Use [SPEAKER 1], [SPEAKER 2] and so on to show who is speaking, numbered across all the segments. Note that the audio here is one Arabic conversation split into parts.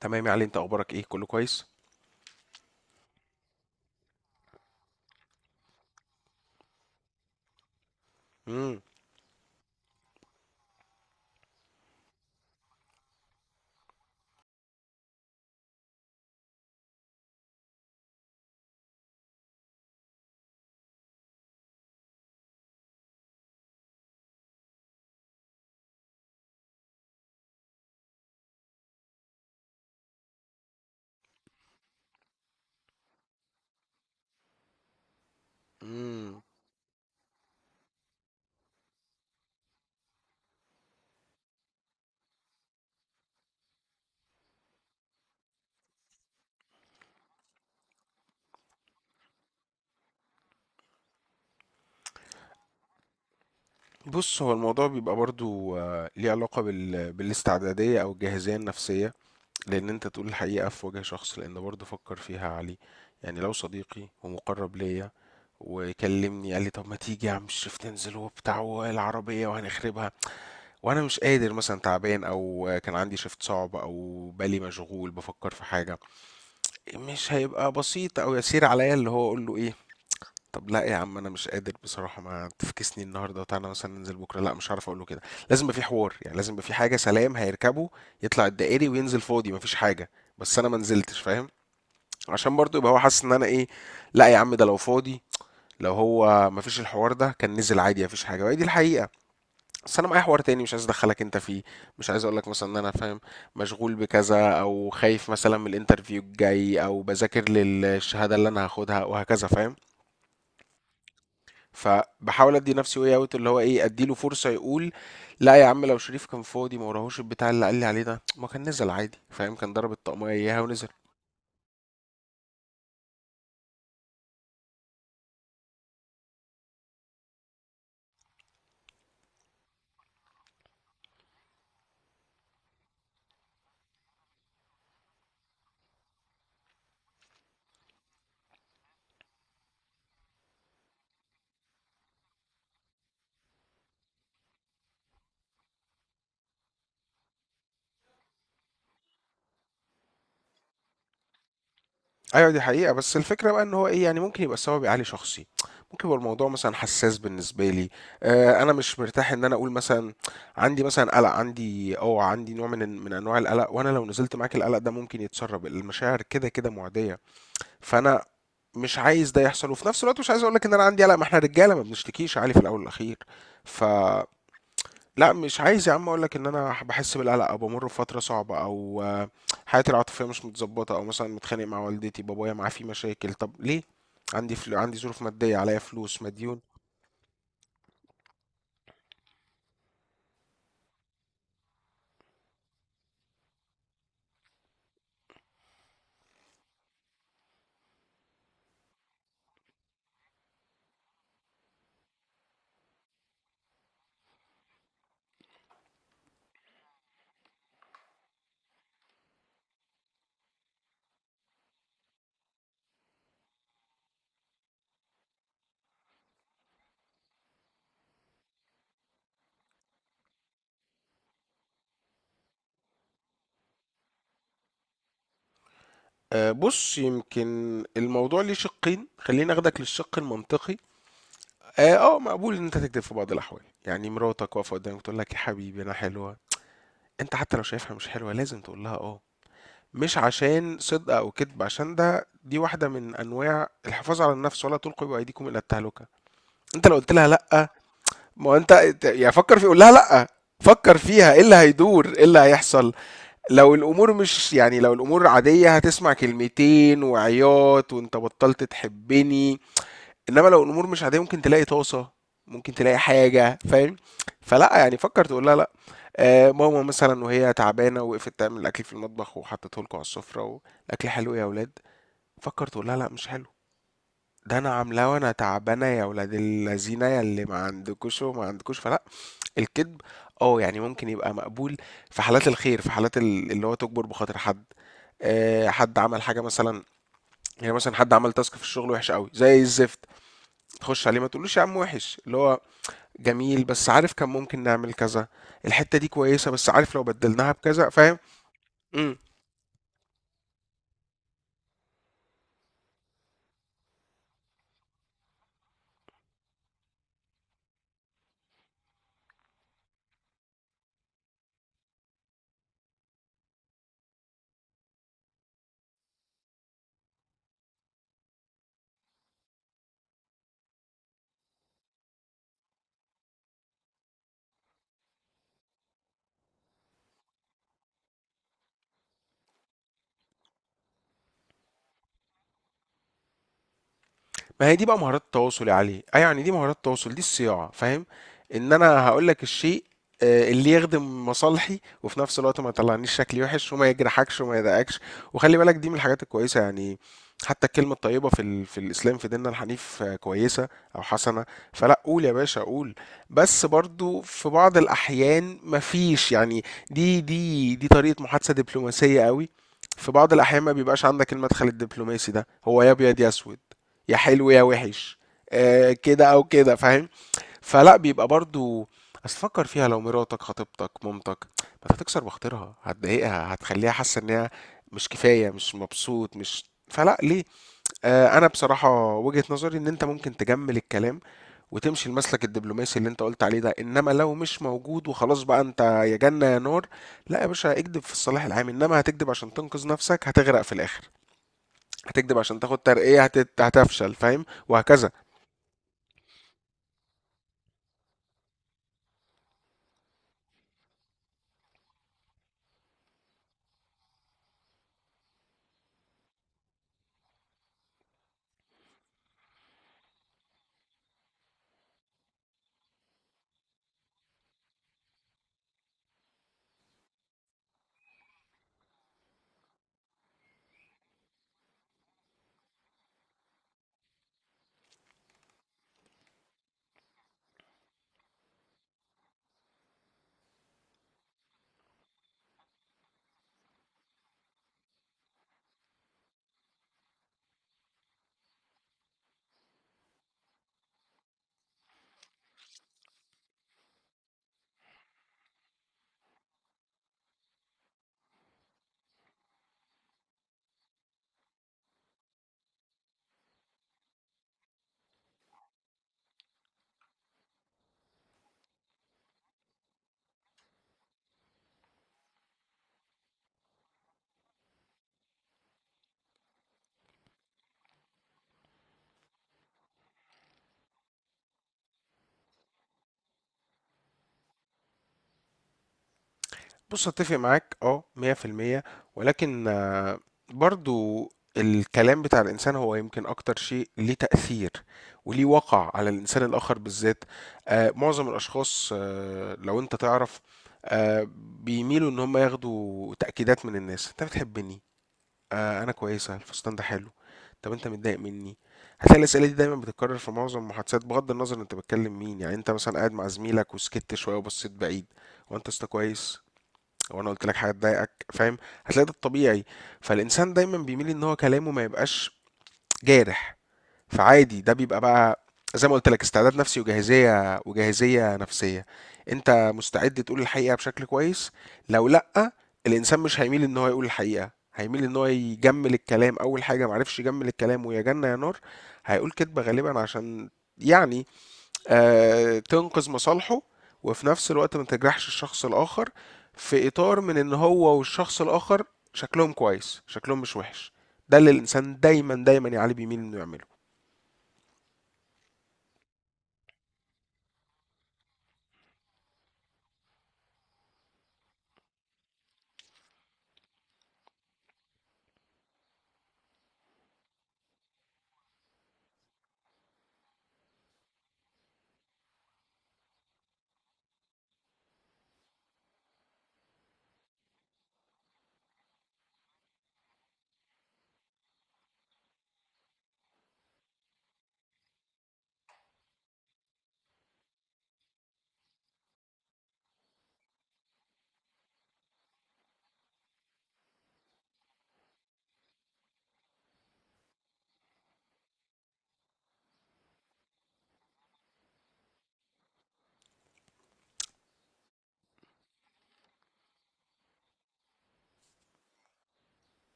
[SPEAKER 1] تمام يا علي، انت اخبارك ايه؟ كله كويس؟ امم. امم. بص، هو الموضوع بيبقى برضو ليه علاقة بالاستعدادية او الجاهزية النفسية. لان انت تقول الحقيقة في وجه شخص، لان برضو فكر فيها يا علي. يعني لو صديقي ومقرب ليا وكلمني قال لي طب ما تيجي يا عم شريف تنزل وبتاع والعربية وهنخربها، وانا مش قادر مثلا، تعبان او كان عندي شفت صعب او بالي مشغول بفكر في حاجة، مش هيبقى بسيط او يسير عليا اللي هو اقول له ايه. طب لا يا عم انا مش قادر بصراحه، ما تفكسني النهارده، تعالى مثلا ننزل بكره. لا مش هعرف اقول له كده. لازم يبقى في حوار، يعني لازم يبقى في حاجه. سلام هيركبه يطلع الدائري وينزل فاضي مفيش حاجه، بس انا ما نزلتش، فاهم؟ عشان برضو يبقى هو حاسس ان انا ايه. لا يا عم ده لو فاضي، لو هو مفيش الحوار ده كان نزل عادي مفيش حاجه، وهي دي الحقيقه. بس انا معايا حوار تاني مش عايز ادخلك انت فيه. مش عايز اقول لك مثلا ان انا فاهم مشغول بكذا او خايف مثلا من الانترفيو الجاي او بذاكر للشهاده اللي انا هاخدها وهكذا، فاهم؟ فباحاول ادي نفسي واي اوت، اللي هو ايه، اديله فرصه يقول لا يا عم لو شريف كان فاضي ما وراهوش البتاع اللي قال لي عليه ده ما كان نزل عادي، فاهم؟ كان ضرب الطقمية اياها ونزل. ايوه دي حقيقه، بس الفكره بقى ان هو ايه، يعني ممكن يبقى السبب عالي شخصي، ممكن يبقى الموضوع مثلا حساس بالنسبه لي. آه انا مش مرتاح ان انا اقول مثلا عندي، مثلا قلق عندي، او عندي نوع من انواع القلق، وانا لو نزلت معاك القلق ده ممكن يتسرب، المشاعر كده كده معديه. فانا مش عايز ده يحصل، وفي نفس الوقت مش عايز اقول لك ان انا عندي قلق، ما احنا رجاله ما بنشتكيش يا علي في الاول والاخير. ف لا مش عايز يا عم اقول لك ان انا بحس بالقلق او بمر بفتره صعبه او حياتي العاطفيه مش متظبطه او مثلا متخانق مع والدتي، بابايا معاه في مشاكل. طب ليه؟ عندي، فلو عندي ظروف ماديه عليا فلوس مديون. بص يمكن الموضوع ليه شقين، خليني اخدك للشق المنطقي. اه، مقبول ان انت تكذب في بعض الاحوال. يعني مراتك واقفه قدامك تقول لك يا حبيبي انا حلوه، انت حتى لو شايفها مش حلوه لازم تقول لها اه. مش عشان صدق او كذب، عشان ده دي واحده من انواع الحفاظ على النفس، ولا تلقوا بايديكم الى التهلكه. انت لو قلت لها لا، ما هو انت يعني فكر في قول لها لا. فكر فيها ايه اللي هيدور ايه اللي هيحصل. لو الامور مش، يعني لو الامور عاديه هتسمع كلمتين وعياط وانت بطلت تحبني. إنما لو الأمور مش عادية ممكن تلاقي طاسة، ممكن تلاقي حاجة، فاهم؟ فلأ، يعني فكّر تقول لها لأ. ماما مثلًا وهي تعبانة وقفت تعمل الأكل في المطبخ وحطّته لكم على السفرة، والأكل حلو يا ولاد، فكّر تقول لها لأ مش حلو، ده أنا عاملاه وأنا تعبانة يا ولاد اللذينة يا اللي ما عندكوش وما عندكوش. فلأ، الكدب يعني ممكن يبقى مقبول، في حالات الخير، في حالات اللي هو تُجبر بخاطر حد. حد عمل حاجة مثلًا، يعني مثلًا حد عمل task في الشغل وِحِش أوي زي الزفت، تخُش عليه ما تقولوش يا عم وِحِش، اللي هو جميل، بس عارف كان ممكن نعمل كذا، الحتة دي كويسة بس عارف لو بدلناها بكذا، فاهم؟ إمم. ما هي دي بقى مهارات التواصل يا علي، اه يعني دي مهارات التواصل دي الصياعة، فاهم؟ ان انا هقول لك الشيء اللي يخدم مصالحي، وفي نفس الوقت ما يطلعنيش شكلي وحش وما يجرحكش وما يضايقكش. وخلي بالك دي من الحاجات الكويسة يعني، حتى الكلمة الطيبة في الإسلام، في ديننا الحنيف كويسة أو حسنة. فلا، قول يا باشا قول. بس برضو في بعض الأحيان مفيش يعني، دي طريقة محادثة دبلوماسية قوي. في بعض الأحيان ما بيبقاش عندك المدخل الدبلوماسي ده، هو يا أبيض يا أسود، يا حلو يا وحش، كده او كده، فاهم؟ فلا بيبقى برضو، اصل فكر فيها لو مراتك، خطيبتك، مامتك، ما أنت هتكسر بخاطرها هتضايقها هتخليها حاسه ان هي مش كفايه، مش مبسوط، مش، فلا ليه. انا بصراحه وجهه نظري ان انت ممكن تجمل الكلام وتمشي المسلك الدبلوماسي اللي انت قلت عليه ده، انما لو مش موجود وخلاص بقى انت يا جنه يا نار. لا يا باشا اكدب في الصلاح العام، انما هتكدب عشان تنقذ نفسك هتغرق في الاخر، هتكدب عشان تاخد ترقيه هتفشل، فاهم؟ وهكذا. بُص أتّفق معاك 100% ولكن برضه، الكلام بتاع الإنسان هو يمكن أكتر شيء ليه تأثير وليه وَقع على الإنسان الآخر بالذات. معظم الأشخاص لو أنت تعرف، آآ بيميلوا إن هم ياخدوا تأكيدات من الناس، أنت بتحبني، أنا كويسة، الفستان ده حلو، طب أنت متضايق مني؟ هتلاقي الأسئلة دي دايمًا بتتكرر في معظم المحادثات، بغض النظر أنت بتكلم مين. يعني أنت مثلًا قاعد مع زميلك وسكت شوية وبصيت بعيد، هو أنت يا اسطى كويس؟ لو انا قلت لك حاجه تضايقك، فاهم؟ هتلاقي ده الطبيعي. فالانسان دايما بيميل ان هو كلامه ما يبقاش جارح. فعادي ده بيبقى بقى، زي ما قلت لك استعداد نفسي وجاهزيه، وجاهزيه نفسيه. انت مستعد تقول الحقيقه بشكل كويس، لو لا الانسان مش هيميل ان هو يقول الحقيقه، هيميل ان هو يجمل الكلام. اول حاجه معرفش يجمل الكلام ويا جنه يا نار، هيقول كذبه غالبا عشان يعني تنقذ مصالحه وفي نفس الوقت ما تجرحش الشخص الآخر، في إطار من إن هو والشخص الآخر شكلهم كويس شكلهم مش وحش. ده اللي الإنسان دايما دايما يا علي بيميل إنه يعمله.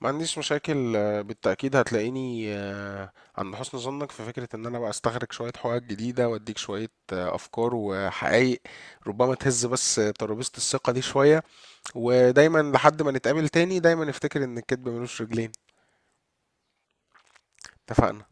[SPEAKER 1] ما عنديش مشاكل، بالتأكيد هتلاقيني عند حسن ظنك في فكرة إن أنا بقى أستخرج شوية حقائق جديدة وأديك شوية أفكار وحقائق ربما تهز بس ترابيزة الثقة دي شوية. ودايما لحد ما نتقابل تاني، دايما افتكر إن الكدب ملوش رجلين. اتفقنا.